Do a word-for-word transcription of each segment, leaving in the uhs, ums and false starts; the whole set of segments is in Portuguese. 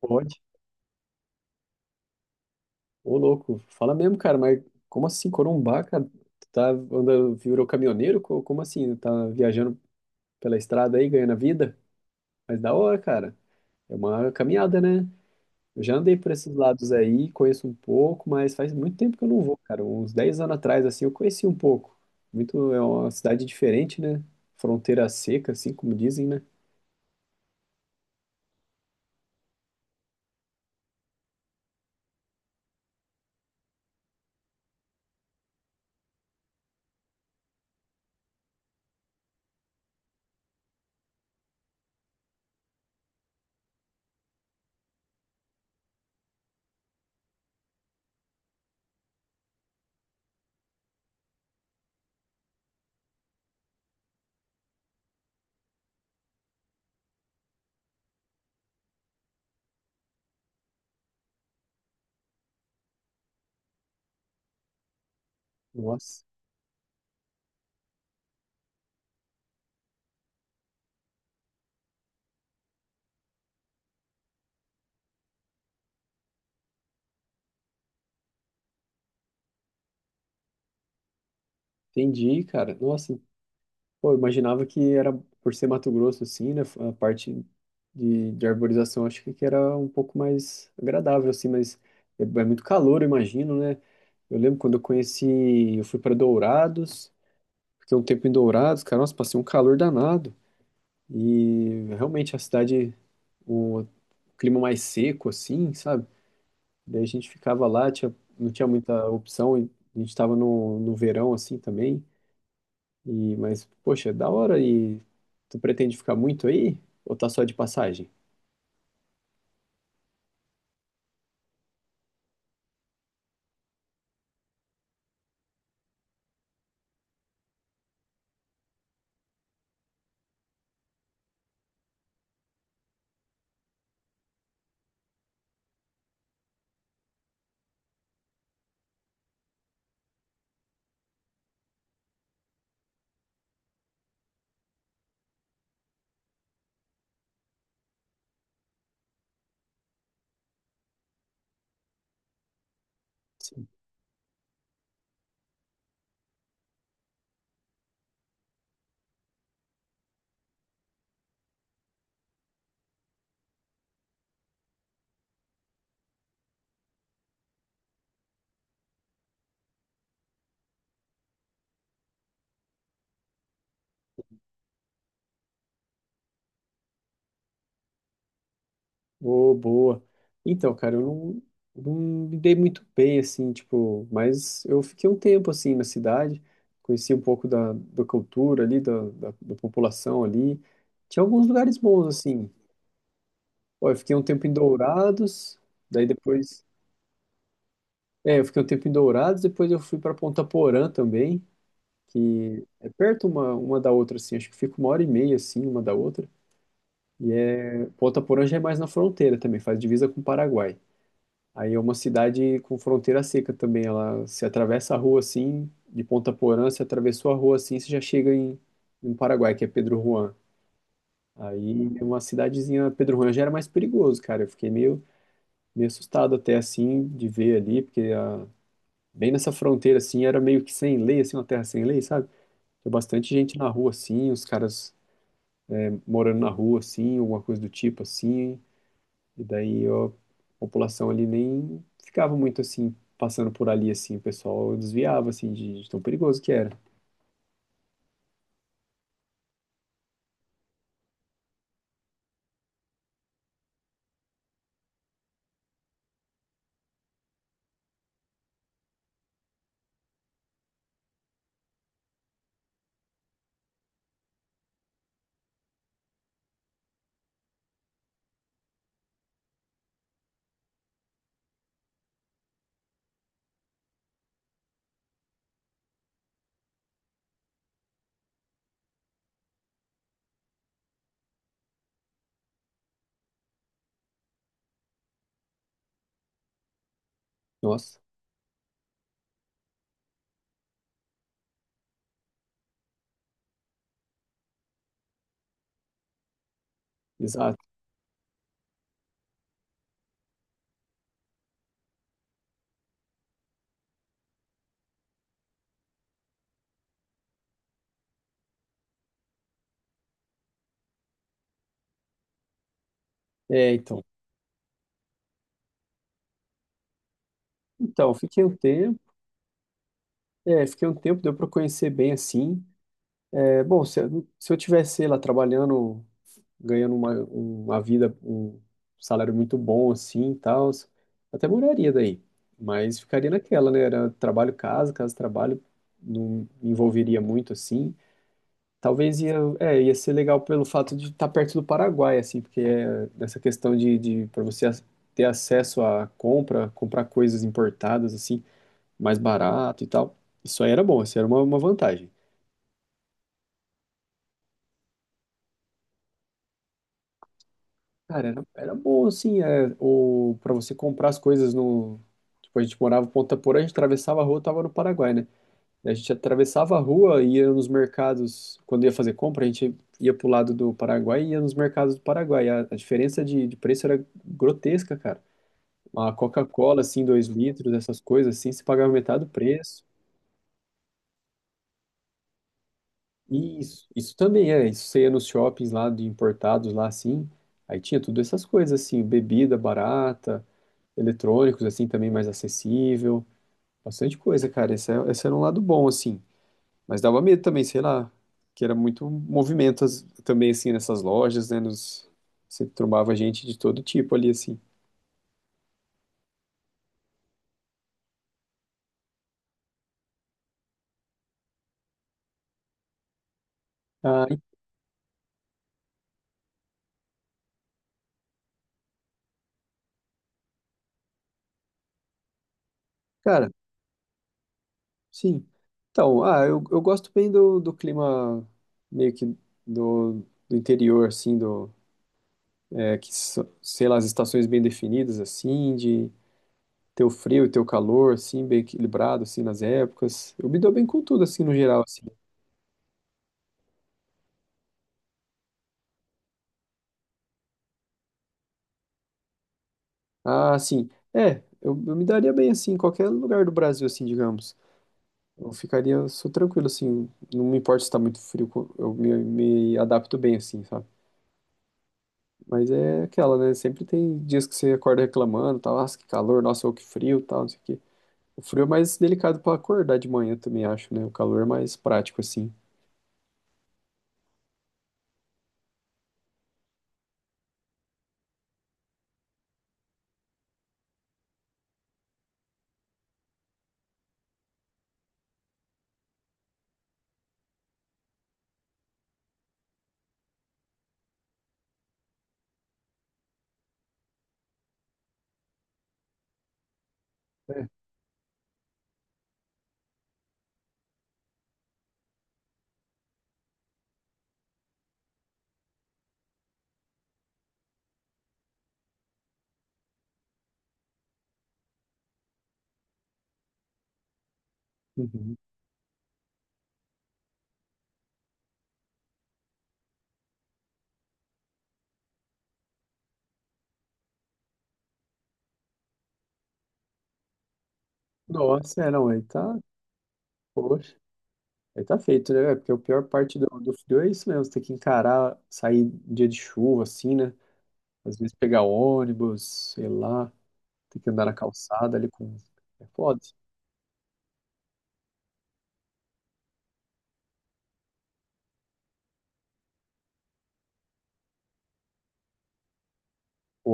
Pode. Ô, louco. Fala mesmo, cara, mas como assim, Corumbá, cara? Tu tá andando, virou caminhoneiro? Co- Como assim? Tá viajando pela estrada aí, ganhando a vida? Mas da hora, cara. É uma caminhada, né? Eu já andei por esses lados aí, conheço um pouco, mas faz muito tempo que eu não vou, cara. Uns dez anos atrás, assim, eu conheci um pouco. Muito, é uma cidade diferente, né? Fronteira seca, assim, como dizem, né? Nossa, entendi, cara. Nossa, pô, eu imaginava que era por ser Mato Grosso, assim, né? A parte de, de arborização, acho que que era um pouco mais agradável, assim, mas é, é muito calor, eu imagino, né? Eu lembro quando eu conheci, eu fui para Dourados, fiquei um tempo em Dourados, cara, nossa, passei um calor danado. E realmente a cidade, o clima mais seco, assim, sabe? Daí a gente ficava lá, tinha, não tinha muita opção, e a gente estava no, no verão, assim, também. E, mas, poxa, é da hora. E tu pretende ficar muito aí? Ou tá só de passagem? Sim. Ô, boa. Então, cara, eu não, não me dei muito bem, assim, tipo, mas eu fiquei um tempo, assim, na cidade, conheci um pouco da, da cultura ali, da, da, da população ali. Tinha alguns lugares bons, assim. Ó, eu fiquei um tempo em Dourados, daí depois. É, eu fiquei um tempo em Dourados, depois eu fui pra Ponta Porã também. Que é perto uma, uma da outra, assim, acho que fica uma hora e meia, assim, uma da outra. E é, Ponta Porã já é mais na fronteira também, faz divisa com o Paraguai. Aí é uma cidade com fronteira seca também, ela se atravessa a rua, assim, de Ponta Porã, se atravessou a rua, assim, você já chega em, em Paraguai, que é Pedro Juan. Aí é uma cidadezinha, Pedro Juan já era mais perigoso, cara, eu fiquei meio, meio assustado até, assim, de ver ali, porque a- bem nessa fronteira, assim, era meio que sem lei, assim, uma terra sem lei, sabe? Tinha bastante gente na rua, assim, os caras morando na rua, assim, alguma coisa do tipo, assim, e daí ó, a população ali nem ficava muito, assim, passando por ali, assim, o pessoal desviava, assim, de, de tão perigoso que era. Nossa, exato. É, então. Então, fiquei um tempo, é, fiquei um tempo, deu pra conhecer bem, assim. É, bom, se, eu- se eu tivesse, sei lá, trabalhando ganhando uma, uma vida, um salário muito bom assim e tal, até moraria daí. Mas ficaria naquela, né? Era trabalho casa, casa trabalho, não me envolveria muito assim. Talvez ia, é, ia ser legal pelo fato de estar perto do Paraguai, assim, porque é nessa questão de, de para você ac- ter acesso à compra, comprar coisas importadas, assim, mais barato e tal. Isso aí era bom, isso era uma, uma vantagem. Cara, era, era bom, assim, é, o, pra você comprar as coisas no... Tipo, a gente morava em Ponta Porã, a gente atravessava a rua, tava no Paraguai, né? Daí a gente atravessava a rua, ia nos mercados, quando ia fazer compra, a gente ia pro lado do Paraguai e ia nos mercados do Paraguai. A, a diferença de, de preço era grotesca, cara. Uma Coca-Cola, assim, dois litros, essas coisas, assim, se pagava metade do preço. isso, isso também é, isso você ia nos shoppings lá, de importados lá, assim, aí tinha tudo essas coisas, assim, bebida barata... Eletrônicos, assim, também mais acessível. Bastante coisa, cara. Esse, é- esse era um lado bom, assim. Mas dava medo também, sei lá, que era muito movimento as- também, assim, nessas lojas, né? Nos, você trombava gente de todo tipo ali, assim. Ah, e, cara, sim. Então, ah, eu, eu gosto bem do, do clima meio que do, do interior, assim, do, é, que, so- sei lá, as estações bem definidas, assim, de ter o frio e ter o calor, assim, bem equilibrado, assim, nas épocas. Eu me dou bem com tudo, assim, no geral, assim. Ah, sim. É, eu, eu me daria bem assim, em qualquer lugar do Brasil, assim, digamos. Eu ficaria, eu sou tranquilo, assim. Não me importa se tá muito frio, co- eu me, me adapto bem, assim, sabe? Mas é aquela, né? Sempre tem dias que você acorda reclamando, tal, nossa, que calor, nossa, ô, que frio, tal, não sei o quê. O frio é mais delicado pra acordar de manhã também, acho, né? O calor é mais prático, assim. É. Uhum. Nossa, é, não, aí tá, poxa, aí tá feito, né? Porque a pior parte do, do frio é isso mesmo, você ter que encarar, sair dia de chuva, assim, né? Às vezes pegar ônibus, sei lá, tem que andar na calçada ali com. É foda.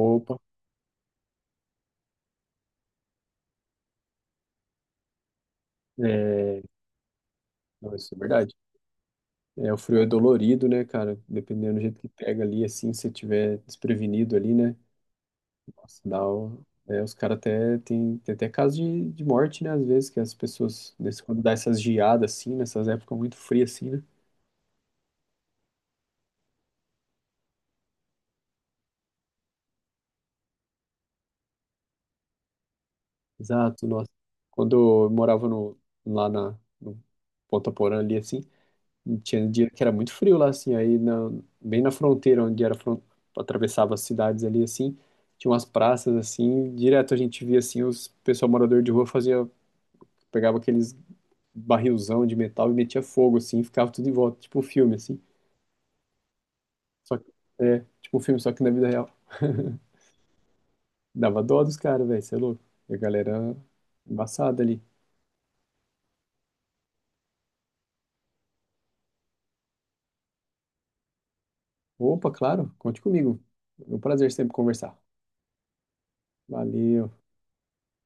Opa, é. Não, isso é verdade. É, o frio é dolorido, né, cara? Dependendo do jeito que pega ali, assim, se tiver desprevenido ali, né? Nossa, dá o... é, os caras até tem, tem até caso de, de morte, né? Às vezes, que as pessoas, nesse, quando dá essas geadas assim, nessas épocas muito frias assim, né? Exato, nossa. Quando eu morava no, lá na, no Ponta Porã ali, assim, e tinha dia que era muito frio lá, assim, aí na, bem na fronteira, onde era, fron- atravessava as cidades ali, assim, tinha umas praças, assim, direto a gente via, assim, os pessoal morador de rua fazia, pegava aqueles barrilzão de metal e metia fogo, assim, e ficava tudo em volta, tipo um filme, assim, só que, é, tipo um filme, só que na vida real. Dava dó dos caras, velho, você é louco. E a galera embaçada ali. Opa, claro, conte comigo. É um prazer sempre conversar. Valeu.